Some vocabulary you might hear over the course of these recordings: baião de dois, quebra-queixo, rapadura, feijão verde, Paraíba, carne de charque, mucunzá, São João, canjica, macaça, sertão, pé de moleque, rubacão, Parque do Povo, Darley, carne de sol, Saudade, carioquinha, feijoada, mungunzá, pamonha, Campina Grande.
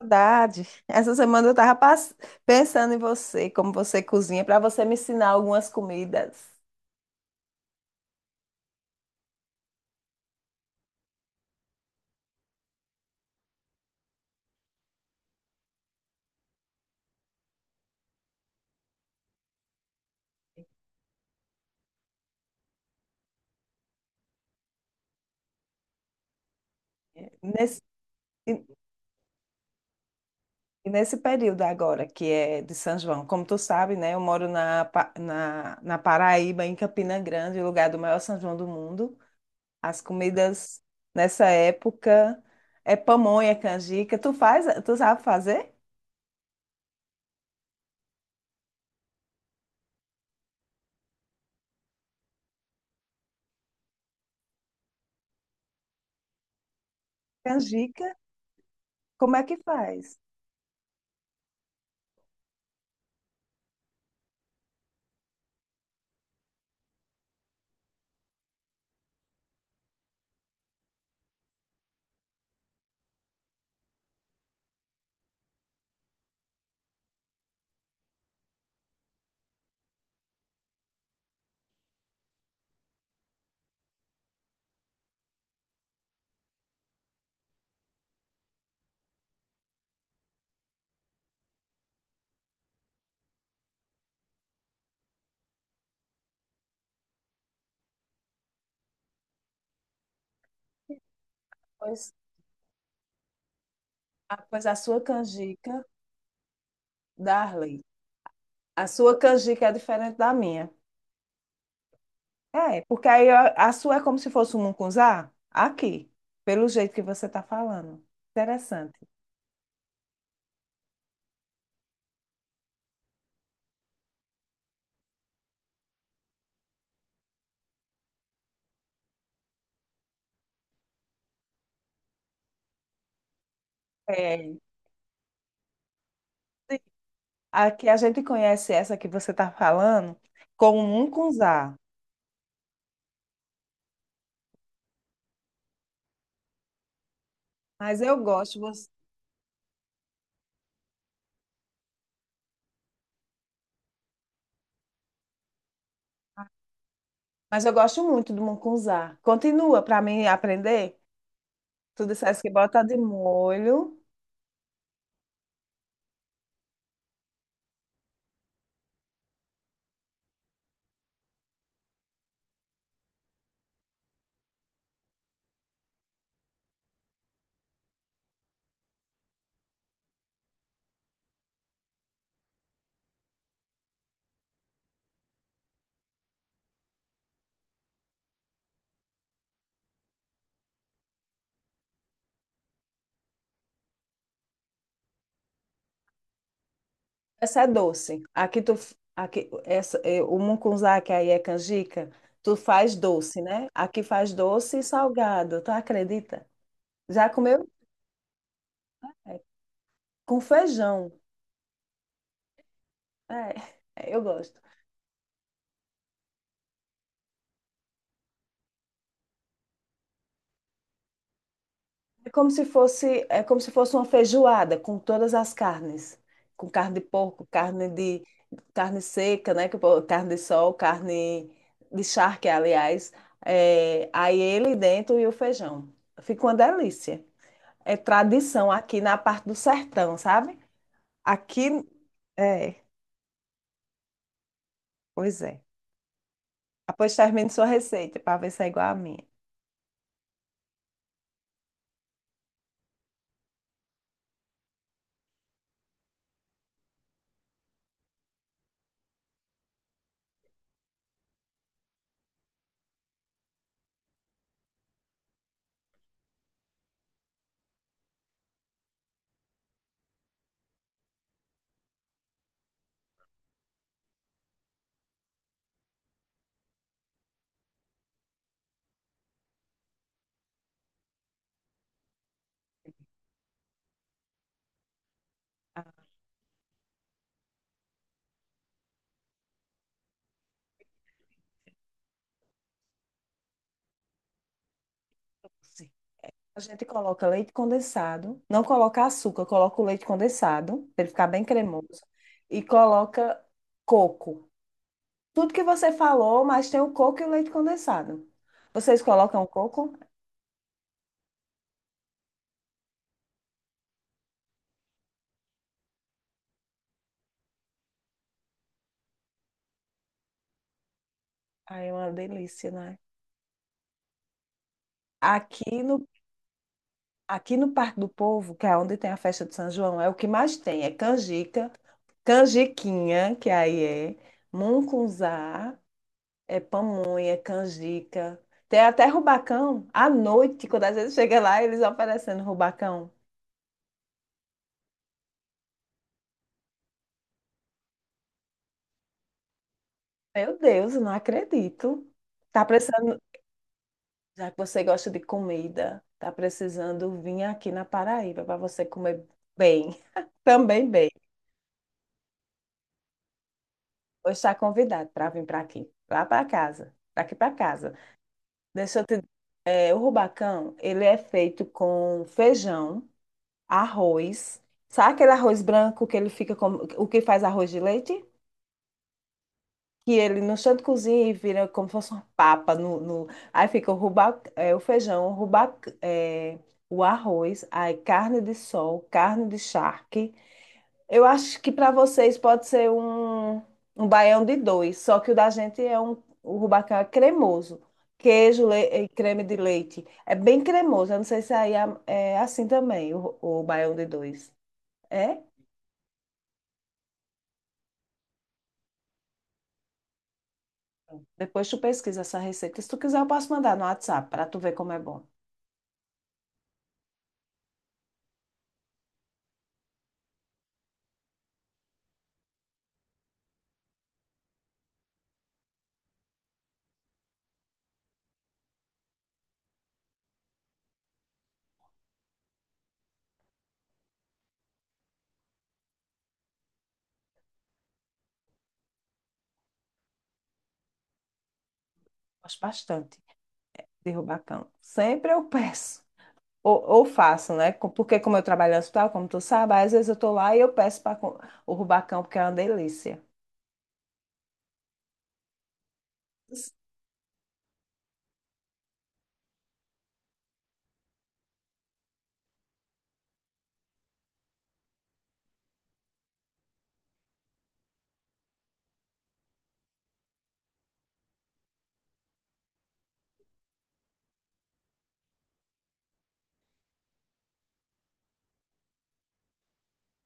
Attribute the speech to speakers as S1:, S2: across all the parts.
S1: Saudade. Essa semana eu tava pensando em você, como você cozinha, para você me ensinar algumas comidas nesse, e- e nesse período agora, que é de São João. Como tu sabe, né? Eu moro na Paraíba, em Campina Grande, o lugar do maior São João do mundo. As comidas nessa época é pamonha, é canjica. Tu faz, tu sabe fazer? Canjica? Como é que faz? Pois, pois a sua canjica, Darley. A sua canjica é diferente da minha. É, porque aí a sua é como se fosse um mucunzá? Aqui, pelo jeito que você está falando. Interessante. É, sim. Aqui a gente conhece essa que você está falando como mucunzá. Mas eu gosto, você- mas eu gosto muito do mucunzá. Continua para mim aprender. Tu disseste que bota de molho. Essa é doce. Aqui essa é o mucunzá, que aí é canjica, tu faz doce, né? Aqui faz doce e salgado, tu acredita? Já comeu? É, com feijão. É, é, eu gosto. É como se fosse uma feijoada com todas as carnes, com carne de porco, carne seca, né? Que o carne de sol, carne de charque, aliás. É, aí ele dentro e o feijão. Fica uma delícia. É tradição aqui na parte do sertão, sabe? Aqui é, pois é. Após termine sua receita para ver se é igual à minha. Sim. A gente coloca leite condensado, não coloca açúcar, coloca o leite condensado para ele ficar bem cremoso e coloca coco. Tudo que você falou, mas tem o coco e o leite condensado. Vocês colocam coco? Ai, é uma delícia, né? Aqui no Aqui no Parque do Povo, que é onde tem a festa de São João, é o que mais tem. É canjica, canjiquinha, que aí é mungunzá, é pamonha, canjica. Tem até rubacão. À noite, quando às vezes chega lá, eles oferecendo rubacão. Meu Deus, eu não acredito. Tá precisando, já que você gosta de comida, tá precisando vir aqui na Paraíba para você comer bem, também bem. Vou estar convidado para vir para aqui, lá para casa, daqui para casa. Deixa eu te... é, o rubacão, ele é feito com feijão, arroz. Sabe aquele arroz branco que ele fica como... O que faz arroz de leite? Que ele no chão de cozinha e vira como se fosse uma papa. No, no... Aí fica o feijão, é, o arroz, aí carne de sol, carne de charque. Eu acho que para vocês pode ser um baião de dois, só que o da gente é um, o rubacão é cremoso. E creme de leite. É bem cremoso. Eu não sei se aí é, é assim também, o baião de dois. É? Depois tu pesquisa essa receita. Se tu quiser, eu posso mandar no WhatsApp para tu ver como é bom. Gosto bastante de rubacão. Sempre eu peço. Ou faço, né? Porque como eu trabalho no hospital, como tu sabe, às vezes eu tô lá e eu peço para o rubacão, porque é uma delícia.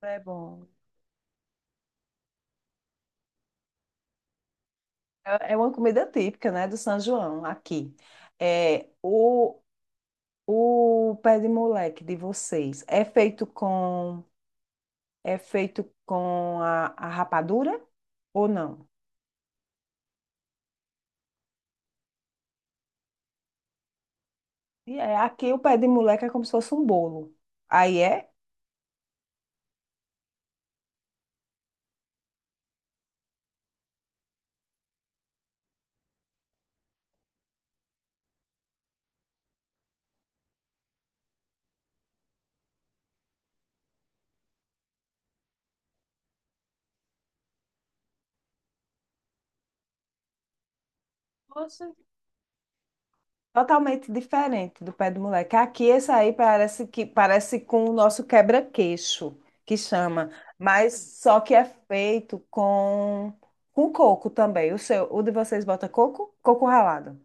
S1: É bom. É uma comida típica, né, do São João aqui. É, o, o pé de moleque de vocês é feito com a rapadura ou não? E é, aqui o pé de moleque é como se fosse um bolo. Aí é? Totalmente diferente do pé do moleque. Aqui, esse aí parece com o nosso quebra-queixo, que chama, mas só que é feito com coco também. O seu, o de vocês bota coco? Coco ralado.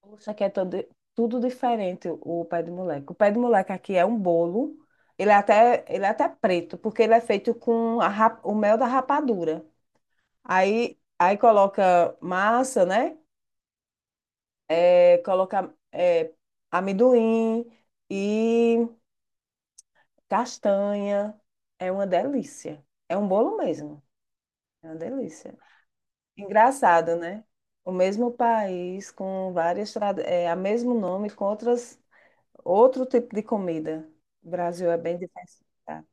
S1: Poxa, aqui é todo, tudo diferente o pé do moleque. O pé do moleque aqui é um bolo, ele é até preto, porque ele é feito com a o mel da rapadura. Aí coloca massa, né? é, colocar é, amendoim e castanha. É uma delícia. É um bolo mesmo. É uma delícia. Engraçado, né? O mesmo país com várias a mesmo nome com outras outro tipo de comida. O Brasil é bem diversificado.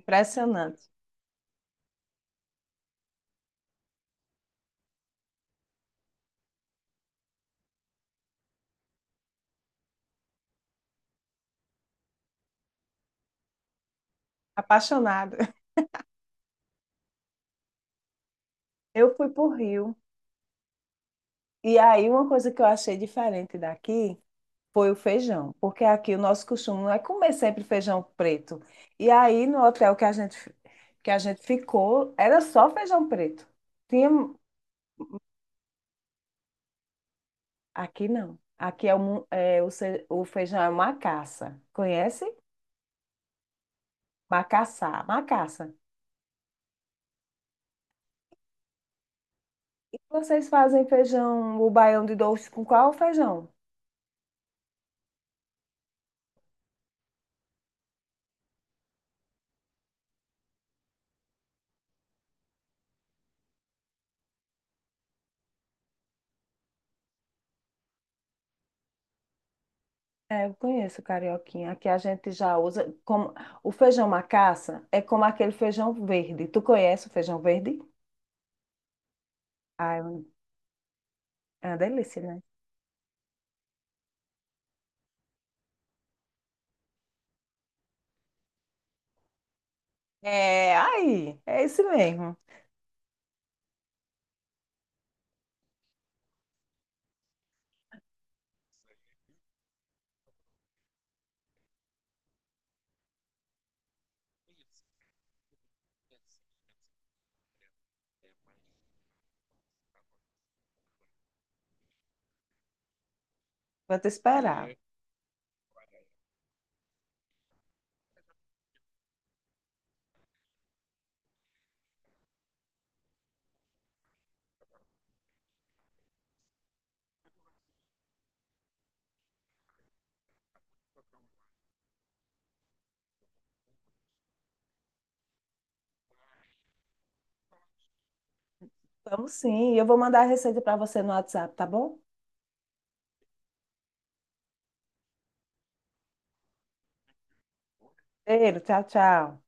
S1: Impressionante. Apaixonada. Eu fui para o Rio e aí uma coisa que eu achei diferente daqui foi o feijão, porque aqui o nosso costume não é comer sempre feijão preto. E aí no hotel que a gente ficou, era só feijão preto. Tinha aqui não. Aqui é o, mu- é, o, ce- o feijão é macaça. Conhece? Macaçá, macaça. Vocês fazem feijão, o baião de doce com qual feijão? É, eu conheço o carioquinha. Aqui a gente já usa como o feijão macaça é como aquele feijão verde. Tu conhece o feijão verde? Ah, é um- é uma delícia, né? É, aí, é esse mesmo. Vou te esperar. Vamos sim, e eu vou mandar a receita para você no WhatsApp, tá bom? Cheiro, tchau, tchau.